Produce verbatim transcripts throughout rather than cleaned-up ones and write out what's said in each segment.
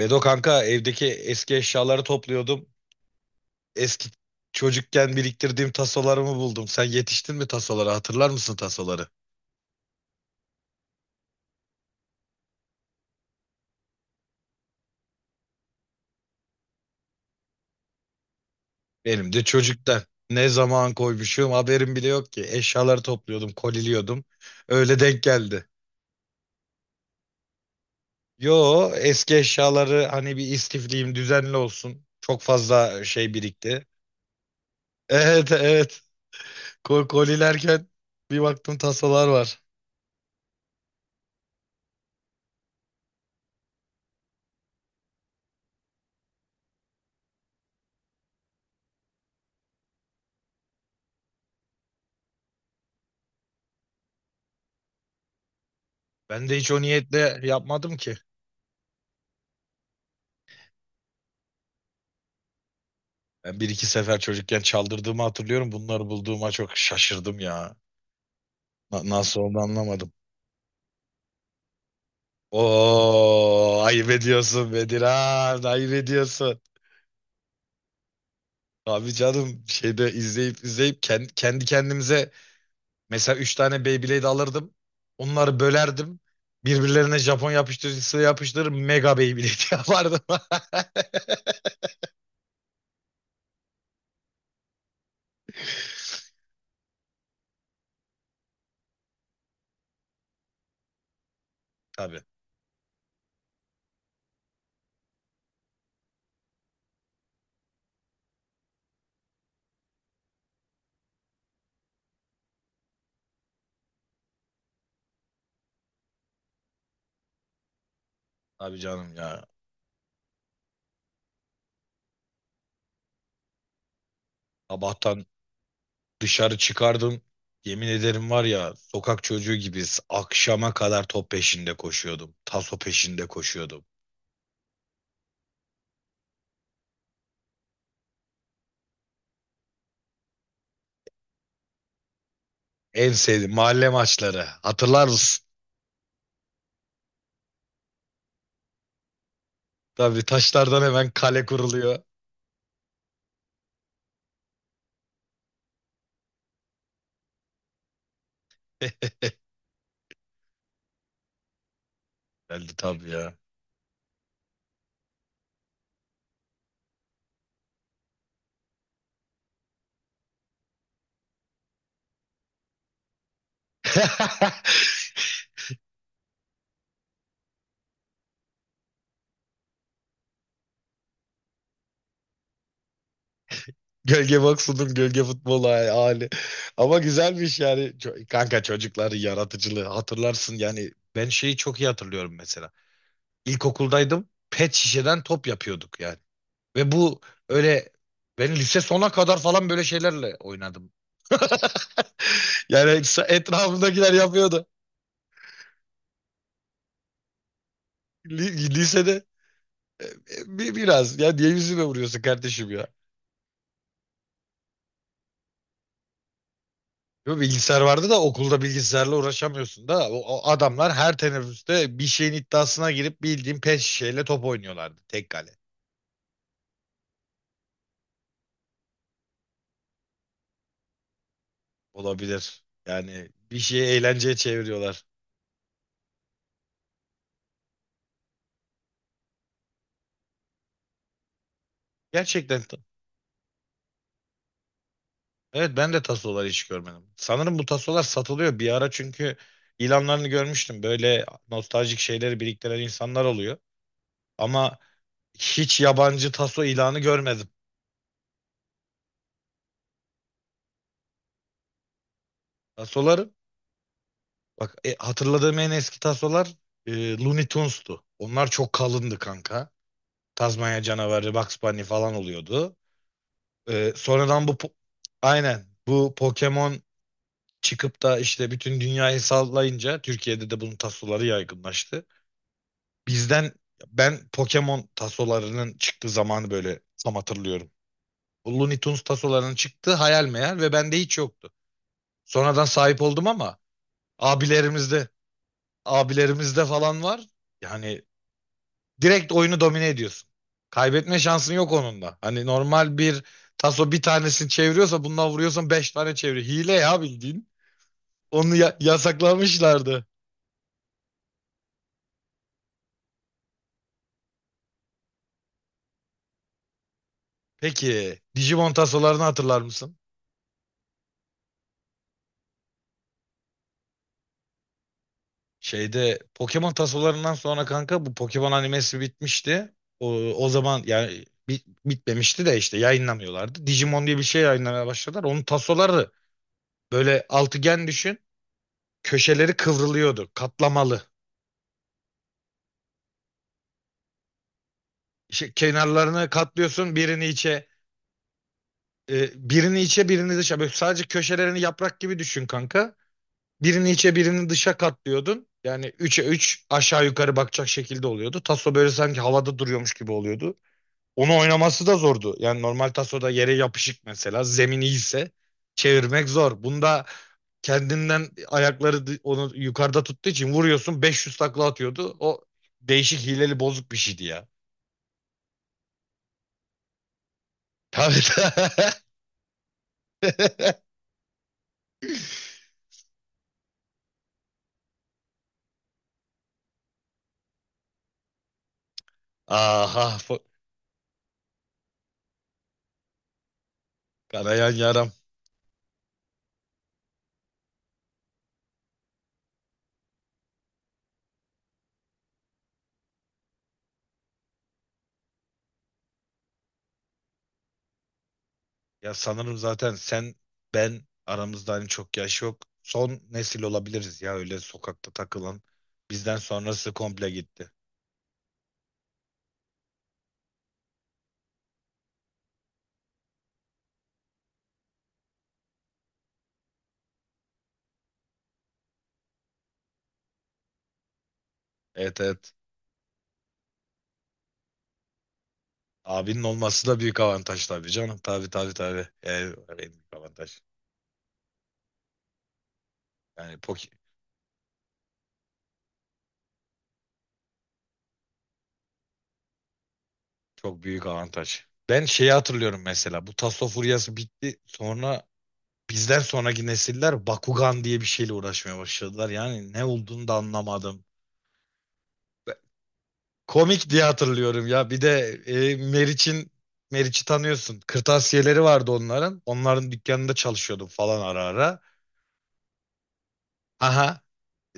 Bedo kanka, evdeki eski eşyaları topluyordum. Eski Çocukken biriktirdiğim tasolarımı buldum. Sen yetiştin mi tasolara? Hatırlar mısın tasoları? Benim de çocuktan. Ne zaman koymuşum haberim bile yok ki. Eşyaları topluyordum, koliliyordum. Öyle denk geldi. Yo, eski eşyaları hani bir istifliyim, düzenli olsun. Çok fazla şey birikti. Evet, evet. Ko- Kolilerken bir baktım, tasolar var. Ben de hiç o niyetle yapmadım ki. Ben bir iki sefer çocukken çaldırdığımı hatırlıyorum. Bunları bulduğuma çok şaşırdım ya. Na- nasıl oldu anlamadım. Oo, ayıp ediyorsun Bedir, ha, ayıp ediyorsun. Abi canım, şeyde izleyip izleyip kendi, kendi kendimize mesela üç tane Beyblade alırdım. Onları bölerdim. Birbirlerine Japon yapıştırıcısı yapıştırır, mega Beyblade yapardım. Tabii. Tabii canım ya. Sabahtan Dışarı çıkardım. Yemin ederim var ya, sokak çocuğu gibiyiz. Akşama kadar top peşinde koşuyordum. Taso peşinde koşuyordum. En sevdiğim mahalle maçları. Hatırlar mısın? Tabii, taşlardan hemen kale kuruluyor. Geldi tabii ya. Gölge boksunun gölge futbolu ha- hali. Ama güzelmiş yani. Ço- Kanka, çocukların yaratıcılığı hatırlarsın yani. Ben şeyi çok iyi hatırlıyorum mesela. İlkokuldaydım. Pet şişeden top yapıyorduk yani. Ve bu öyle, ben lise sona kadar falan böyle şeylerle oynadım. Yani sa- etrafımdakiler yapıyordu. Li- lisede e, bir, biraz ya, niye yüzüme vuruyorsun kardeşim ya? Yo, bilgisayar vardı da okulda bilgisayarla uğraşamıyorsun da o, o adamlar her teneffüste bir şeyin iddiasına girip bildiğin pet şişeyle top oynuyorlardı tek kale. Olabilir. Yani bir şeyi eğlenceye çeviriyorlar. Gerçekten Evet, ben de tasoları hiç görmedim. Sanırım bu tasolar satılıyor bir ara, çünkü ilanlarını görmüştüm. Böyle nostaljik şeyleri biriktiren insanlar oluyor. Ama hiç yabancı taso ilanı görmedim. Tasoları bak, e, hatırladığım en eski tasolar e, Looney Tunes'tu. Onlar çok kalındı kanka. Tazmanya canavarı, Bugs Bunny falan oluyordu. E, sonradan bu po- aynen, bu Pokemon çıkıp da işte bütün dünyayı sallayınca Türkiye'de de bunun tasoları yaygınlaştı. Bizden ben Pokemon tasolarının çıktığı zamanı böyle tam hatırlıyorum. Looney Tunes tasolarının çıktığı hayal meyal ve bende hiç yoktu. Sonradan sahip oldum ama abilerimizde, abilerimizde falan var. Yani direkt oyunu domine ediyorsun. Kaybetme şansın yok onunla. Hani normal bir taso bir tanesini çeviriyorsa, bundan vuruyorsan beş tane çeviriyor. Hile ya bildiğin. Onu ya- yasaklamışlardı. Peki Digimon tasolarını hatırlar mısın? Şeyde Pokemon tasolarından sonra kanka, bu Pokemon animesi bitmişti. O, o zaman yani bi- bitmemişti de işte yayınlamıyorlardı. Digimon diye bir şey yayınlamaya başladılar. Onun tasoları böyle altıgen düşün. Köşeleri kıvrılıyordu. Katlamalı. İşte kenarlarını katlıyorsun, birini içe e, birini içe birini dışa. Böyle sadece köşelerini yaprak gibi düşün kanka. Birini içe birini dışa katlıyordun. Yani üçe üç aşağı yukarı bakacak şekilde oluyordu. Taso böyle sanki havada duruyormuş gibi oluyordu. Onu oynaması da zordu. Yani normal tasoda yere yapışık, mesela zemin iyiyse çevirmek zor. Bunda kendinden ayakları di- onu yukarıda tuttuğu için vuruyorsun, beş yüz takla atıyordu. O değişik, hileli, bozuk bir şeydi ya. Tabii. Aha bu- Kanayan yaram. Ya sanırım zaten sen ben aramızda hani çok yaş yok. Son nesil olabiliriz ya öyle sokakta takılan. Bizden sonrası komple gitti. Evet, evet. Abinin olması da büyük avantaj tabii canım. Tabii, tabii, tabii. Yani en büyük avantaj. Yani Poki, çok büyük avantaj. Ben şeyi hatırlıyorum mesela. Bu Tasso furyası bitti. Sonra bizden sonraki nesiller Bakugan diye bir şeyle uğraşmaya başladılar. Yani ne olduğunu da anlamadım. Komik diye hatırlıyorum ya. Bir de e, Meriç'in Meriç'i tanıyorsun. Kırtasiyeleri vardı onların. Onların dükkanında çalışıyordum falan ara ara. Aha.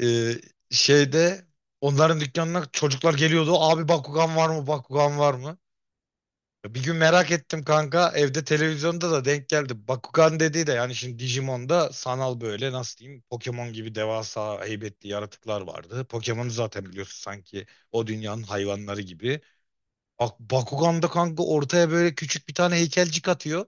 Ee, Şeyde onların dükkanına çocuklar geliyordu. Abi, Bakugan var mı? Bakugan var mı? Ya, bir gün merak ettim kanka. Evde televizyonda da denk geldi. Bakugan dediği de yani, şimdi Digimon'da sanal böyle, nasıl diyeyim, Pokemon gibi devasa heybetli yaratıklar vardı. Pokemon'u zaten biliyorsun sanki, o dünyanın hayvanları gibi. Bak Bakugan'da kanka, ortaya böyle küçük bir tane heykelcik atıyor.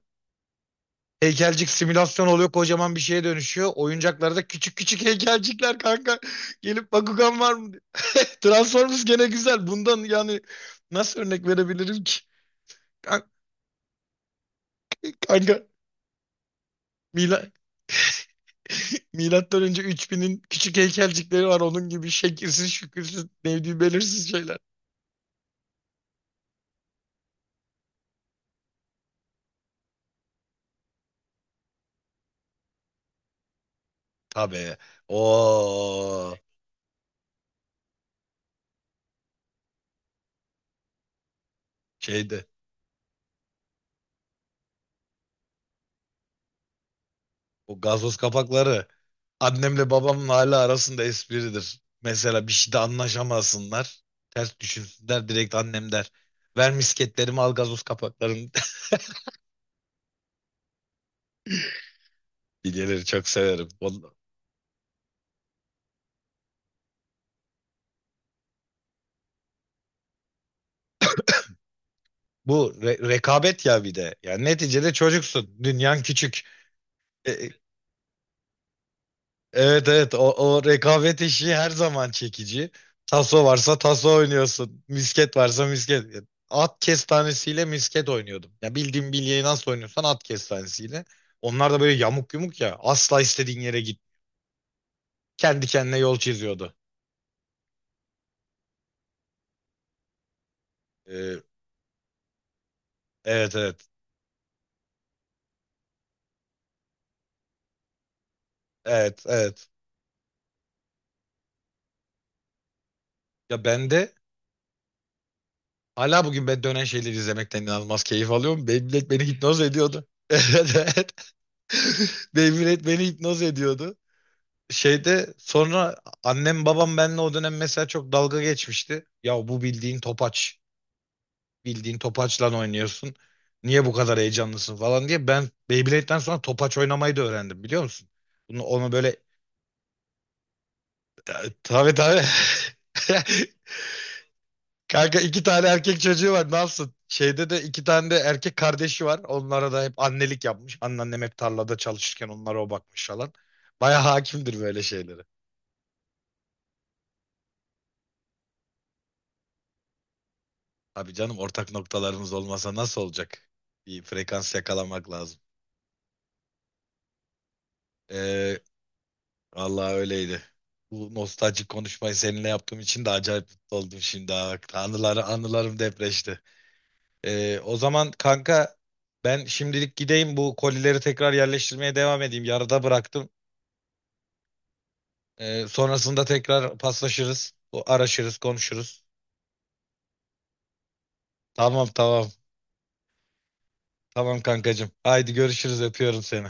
Heykelcik simülasyon oluyor, kocaman bir şeye dönüşüyor. Oyuncaklarda küçük küçük heykelcikler kanka. Gelip Bakugan var mı? Diyor. Transformers gene güzel. Bundan yani nasıl örnek verebilirim ki? Kan- Kanka, Mila Milattan önce üç bininin küçük heykelcikleri var. Onun gibi şekilsiz, şükürsüz, neydi, belirsiz şeyler. Tabii. O şeydi, o gazoz kapakları. Annemle babamın hala arasında espridir. Mesela bir şeyde anlaşamasınlar. Ters düşünsünler, direkt annem der. Ver misketlerimi, al gazoz kapaklarını. Bilyeleri çok severim. Vallahi. Bu re- rekabet ya bir de. Yani neticede çocuksun. Dünyan küçük. E, Evet evet o, o rekabet işi her zaman çekici. Taso varsa taso oynuyorsun. Misket varsa misket. At kestanesiyle misket oynuyordum. Ya, bildiğim bilyeyi nasıl oynuyorsan at kestanesiyle. Onlar da böyle yamuk yumuk ya. Asla istediğin yere git. Kendi kendine yol çiziyordu. Ee, evet evet. Evet, evet. Ya ben de hala bugün, ben dönen şeyleri izlemekten inanılmaz keyif alıyorum. Beyblade beni hipnoz ediyordu. Evet, evet. Beyblade beni hipnoz ediyordu. Şeyde sonra Annem babam benle o dönem mesela çok dalga geçmişti. Ya bu bildiğin topaç. Bildiğin topaçla oynuyorsun. Niye bu kadar heyecanlısın falan diye. Ben Beyblade'den sonra topaç oynamayı da öğrendim, biliyor musun? Bunu onu böyle, e, tabii, tabii. Kanka, iki tane erkek çocuğu var, ne yapsın? Şeyde de iki tane de erkek kardeşi var. Onlara da hep annelik yapmış. Anneannem hep tarlada çalışırken onlara o bakmış falan. Baya hakimdir böyle şeylere. Abi canım, ortak noktalarımız olmasa nasıl olacak? Bir frekans yakalamak lazım. Ee, Vallahi öyleydi. Bu nostaljik konuşmayı seninle yaptığım için de acayip mutlu oldum şimdi, ha. Anıları, anılarım depreşti. Ee, o zaman kanka, ben şimdilik gideyim, bu kolileri tekrar yerleştirmeye devam edeyim. Yarıda bıraktım. Ee, sonrasında tekrar paslaşırız. Bu- Araşırız, konuşuruz. Tamam, tamam. Tamam kankacığım. Haydi görüşürüz, öpüyorum seni.